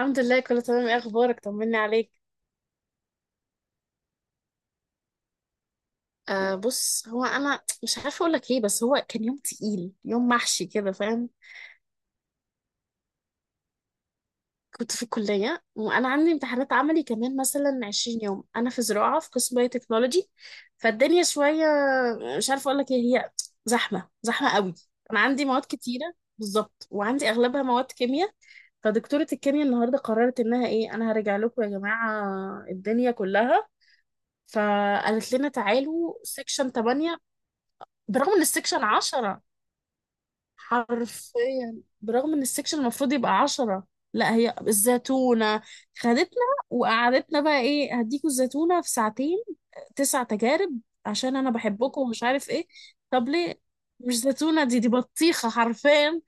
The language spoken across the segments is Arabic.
الحمد لله، كله تمام. ايه اخبارك؟ طمني عليك. آه بص، هو انا مش عارفه اقول لك ايه، بس هو كان يوم تقيل، يوم محشي كده فاهم. كنت في الكليه وانا عندي امتحانات عملي كمان مثلا 20 يوم. انا في زراعه في قسم باي تكنولوجي فالدنيا شويه. مش عارفه اقول لك ايه، هي زحمه قوي. انا عندي مواد كتيره بالظبط، وعندي اغلبها مواد كيمياء. فدكتوره الكيمياء النهارده قررت انها ايه، انا هرجع لكم يا جماعه الدنيا كلها. فقالت لنا تعالوا سيكشن 8 برغم ان السكشن عشرة. حرفيا برغم ان السكشن المفروض يبقى عشرة، لا، هي الزيتونة خدتنا وقعدتنا بقى ايه، هديكوا الزيتونة في ساعتين تسع تجارب عشان انا بحبكم ومش عارف ايه. طب ليه؟ مش زيتونة دي، دي بطيخة حرفيا.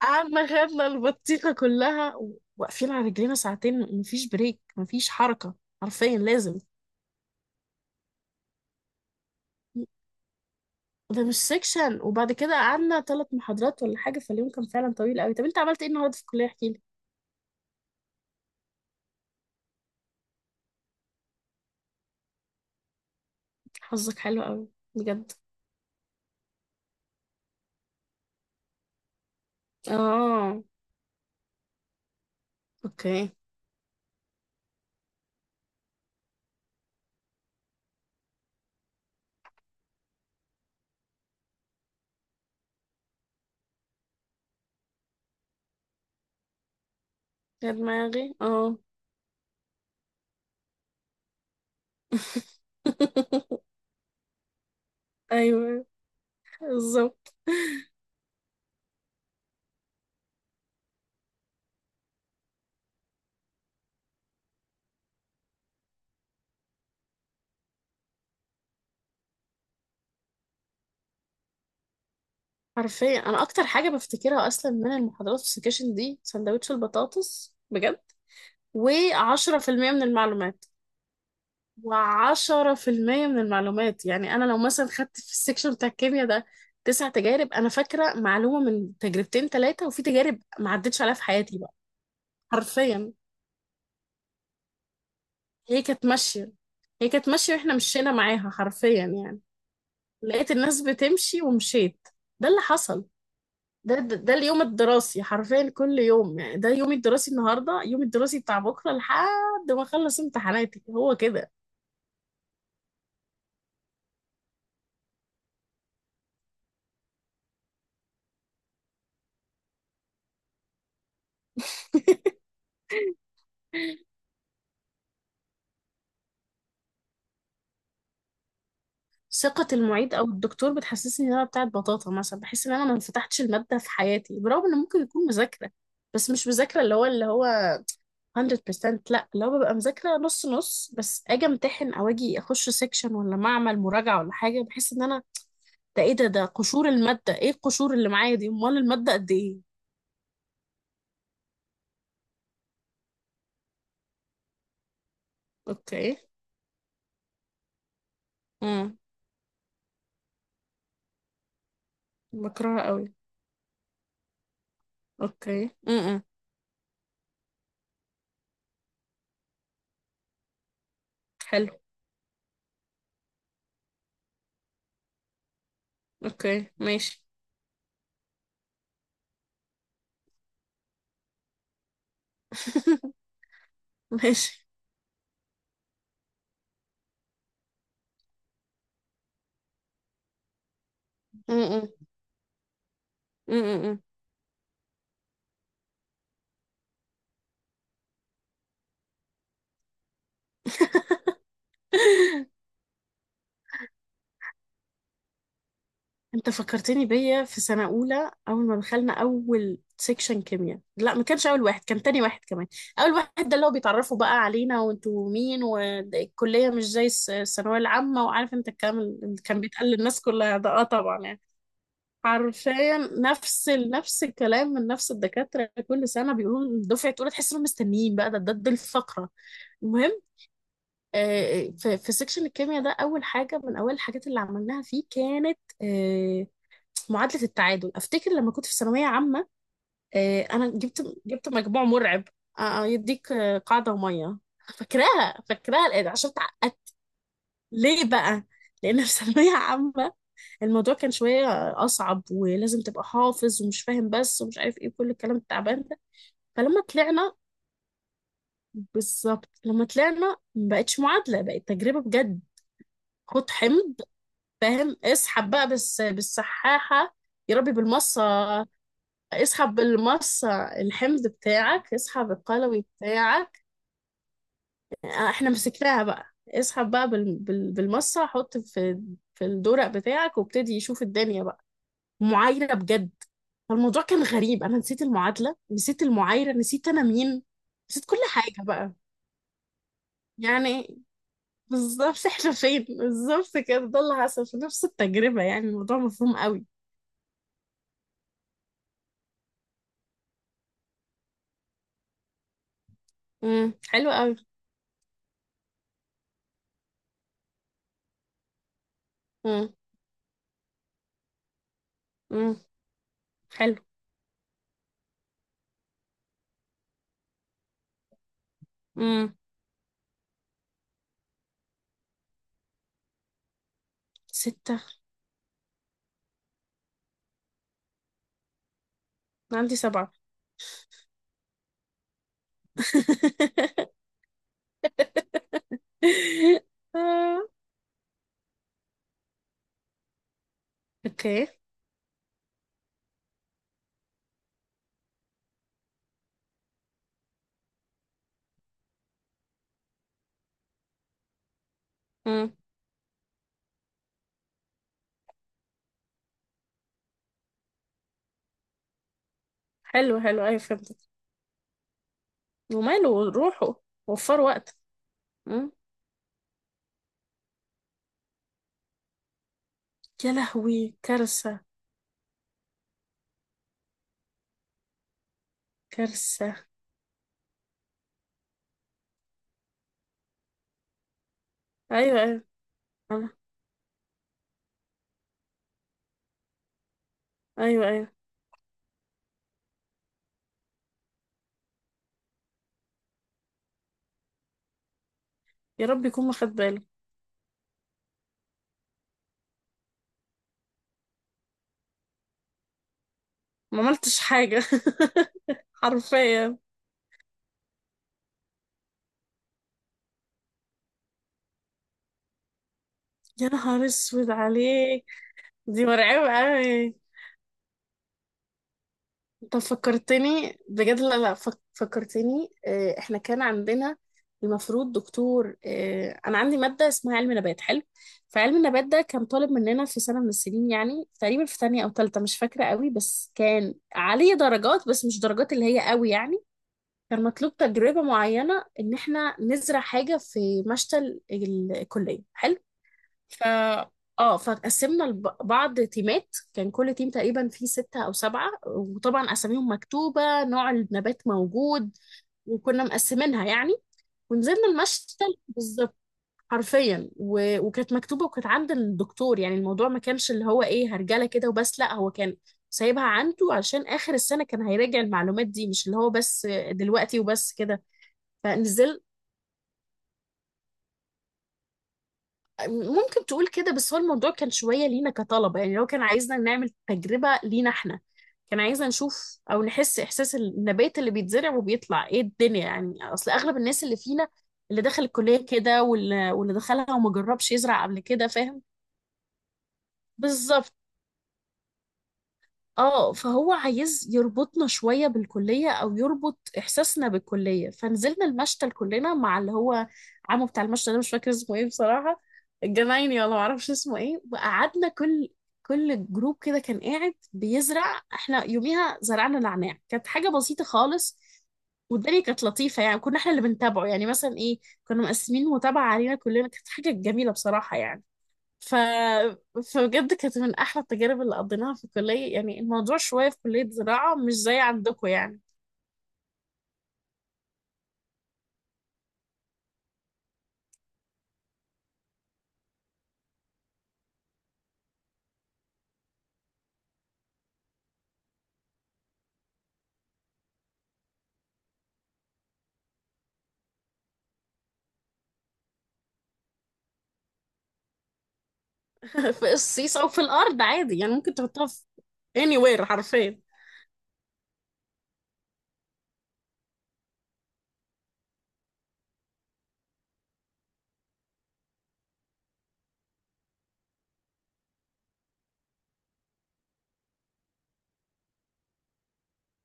قعدنا خدنا البطيخة كلها، واقفين على رجلينا ساعتين، مفيش بريك مفيش حركة، حرفيا لازم. ده مش سيكشن. وبعد كده قعدنا ثلاث محاضرات ولا حاجة، فاليوم كان فعلا طويل قوي. طب انت عملت ايه النهارده في الكلية؟ احكي لي. حظك حلو قوي. بجد. اه. اوكي. يا دماغي اه. ايوه بالظبط. حرفيا انا اكتر حاجة بفتكرها اصلا من المحاضرات في السكشن دي سندوتش البطاطس، بجد. و10% من المعلومات، و10% من المعلومات. يعني أنا لو مثلا خدت في السكشن بتاع الكيمياء ده تسع تجارب، أنا فاكرة معلومة من تجربتين تلاتة، وفي تجارب ما عدتش عليها في حياتي بقى. حرفيا هي كانت ماشية هي كانت ماشية وإحنا مشينا معاها حرفيا يعني. لقيت الناس بتمشي ومشيت، ده اللي حصل. ده اليوم الدراسي حرفيا كل يوم. يعني ده يومي الدراسي النهاردة، يومي الدراسي بتاع بكرة لحد ما أخلص امتحاناتي، هو كده. ثقة المعيد أو الدكتور بتحسسني إن أنا بتاعت بطاطا، مثلا بحس إن أنا ما فتحتش المادة في حياتي، برغم إن ممكن يكون مذاكرة. بس مش مذاكرة اللي هو 100%. لا، اللي هو ببقى مذاكرة نص نص، بس أجي أمتحن أو أجي أخش سيكشن ولا معمل مراجعة ولا حاجة، بحس إن أنا ده إيه ده، ده قشور المادة. إيه القشور اللي معايا دي، أمال المادة قد إيه؟ أوكي. امم بكرهها قوي. أوكي. حلو. أوكي ماشي. ماشي. امم امم انت فكرتني بيا في سنة أولى. أول ما دخلنا أول سيكشن كيمياء، لا ما كانش أول واحد، كان تاني واحد كمان. أول واحد ده اللي هو بيتعرفوا بقى علينا، وانتوا مين، والكلية مش زي الثانوية العامة، وعارف انت الكلام اللي كان بيتقال للناس كلها ده، اه طبعا يعني. حرفيا نفس الكلام من نفس الدكاترة كل سنة، بيقولوا دفعة أولى تحس انهم مستنيين بقى ده الفقرة. المهم، في سيكشن الكيمياء ده، أول حاجة من أول الحاجات اللي عملناها فيه كانت آه، معادلة التعادل. أفتكر لما كنت في ثانوية عامة، أنا جبت مجموع مرعب. يديك قاعدة ومية. فاكراها، فاكراها الآن عشان اتعقدت. ليه بقى؟ لأن في ثانوية عامة الموضوع كان شوية أصعب، ولازم تبقى حافظ ومش فاهم بس، ومش عارف إيه كل الكلام التعبان ده. فلما طلعنا، بالظبط لما طلعنا ما بقتش معادلة، بقت تجربة بجد. خد حمض، فاهم، اسحب بقى بس بالسحاحة. يا ربي بالمصة. اسحب بالمص الحمض بتاعك، اسحب القلوي بتاعك. احنا مسكناها بقى، اسحب بقى بالمصة، حط في في الدورق بتاعك وابتدي يشوف الدنيا بقى. معايرة بجد. فالموضوع كان غريب، انا نسيت المعادلة، نسيت المعايرة، نسيت انا مين، نسيت كل حاجة بقى. يعني بالظبط احنا فين بالظبط كده. ده اللي حصل في نفس التجربة، يعني الموضوع مفهوم قوي. حلو قوي. امم امم حلو. امم ستة أنا عندي سبعة. آه، اوكي. مم. حلو حلو ايوه فهمتك. وماله، روحوا وفروا وقت. مم. يا لهوي كارثة. كارثة. ايوه ايوه. آه، ايوه ايوه. يا رب يكون ما خد باله. ما عملتش حاجة. حرفيا. يا نهار اسود عليك. دي مرعبة اوي. انت فكرتني بجد. لا لا فكرتني. احنا كان عندنا المفروض دكتور، انا عندي ماده اسمها علم نبات، حلو. فعلم النبات ده كان طالب مننا في سنه من السنين، يعني تقريبا في تانية او تالتة مش فاكره قوي، بس كان عليه درجات، بس مش درجات اللي هي قوي يعني. كان مطلوب تجربه معينه ان احنا نزرع حاجه في مشتل الكليه، حلو. ف اه فقسمنا لب- بعض تيمات، كان كل تيم تقريبا فيه ستة أو سبعة، وطبعا أساميهم مكتوبة، نوع النبات موجود، وكنا مقسمينها يعني. ونزلنا المشتل بالظبط، حرفيا. وكانت مكتوبة وكانت عند الدكتور، يعني الموضوع ما كانش اللي هو إيه هرجلة كده وبس، لا هو كان سايبها عنده عشان آخر السنة كان هيراجع المعلومات دي، مش اللي هو بس دلوقتي وبس كده. فنزل ممكن تقول كده، بس هو الموضوع كان شوية لينا كطلبة. يعني لو كان عايزنا نعمل تجربة لينا احنا، كان عايزنا نشوف او نحس احساس النبات اللي بيتزرع وبيطلع ايه الدنيا، يعني اصل اغلب الناس اللي فينا اللي دخل الكلية كده واللي دخلها وما جربش يزرع قبل كده، فاهم. بالظبط. اه، فهو عايز يربطنا شوية بالكلية او يربط احساسنا بالكلية. فنزلنا المشتل كلنا مع اللي هو عمو بتاع المشتل ده، مش فاكر اسمه ايه بصراحة، الجنايني ولا معرفش اسمه ايه. وقعدنا كل جروب كده كان قاعد بيزرع، احنا يوميها زرعنا نعناع، كانت حاجة بسيطة خالص. والدنيا كانت لطيفة، يعني كنا احنا اللي بنتابعه. يعني مثلا ايه، كنا مقسمين متابعة علينا كلنا، كانت حاجة جميلة بصراحة يعني. ف... فبجد كانت من احلى التجارب اللي قضيناها في الكليه. يعني الموضوع شويه في كليه زراعه مش زي عندكم يعني. في الصيص او في الارض عادي، يعني ممكن تحطها في anywhere حرفيا.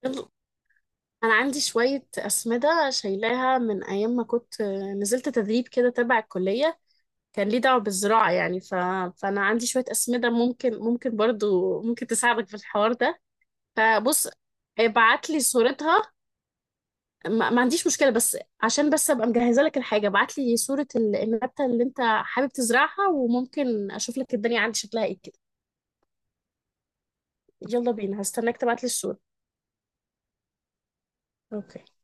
يلا. انا عندي شويه اسمده شايلاها من ايام ما كنت نزلت تدريب كده تبع الكليه، كان ليه دعوه بالزراعه يعني. فانا عندي شويه اسمده ممكن، ممكن برضو ممكن تساعدك في الحوار ده. فبص، ابعت لي صورتها. ما عنديش مشكلة، بس عشان بس أبقى مجهزة لك الحاجة ابعت لي صورة النبتة اللي أنت حابب تزرعها، وممكن أشوف لك الدنيا عندي شكلها إيه كده. يلا بينا، هستناك تبعت لي الصورة. اوكي.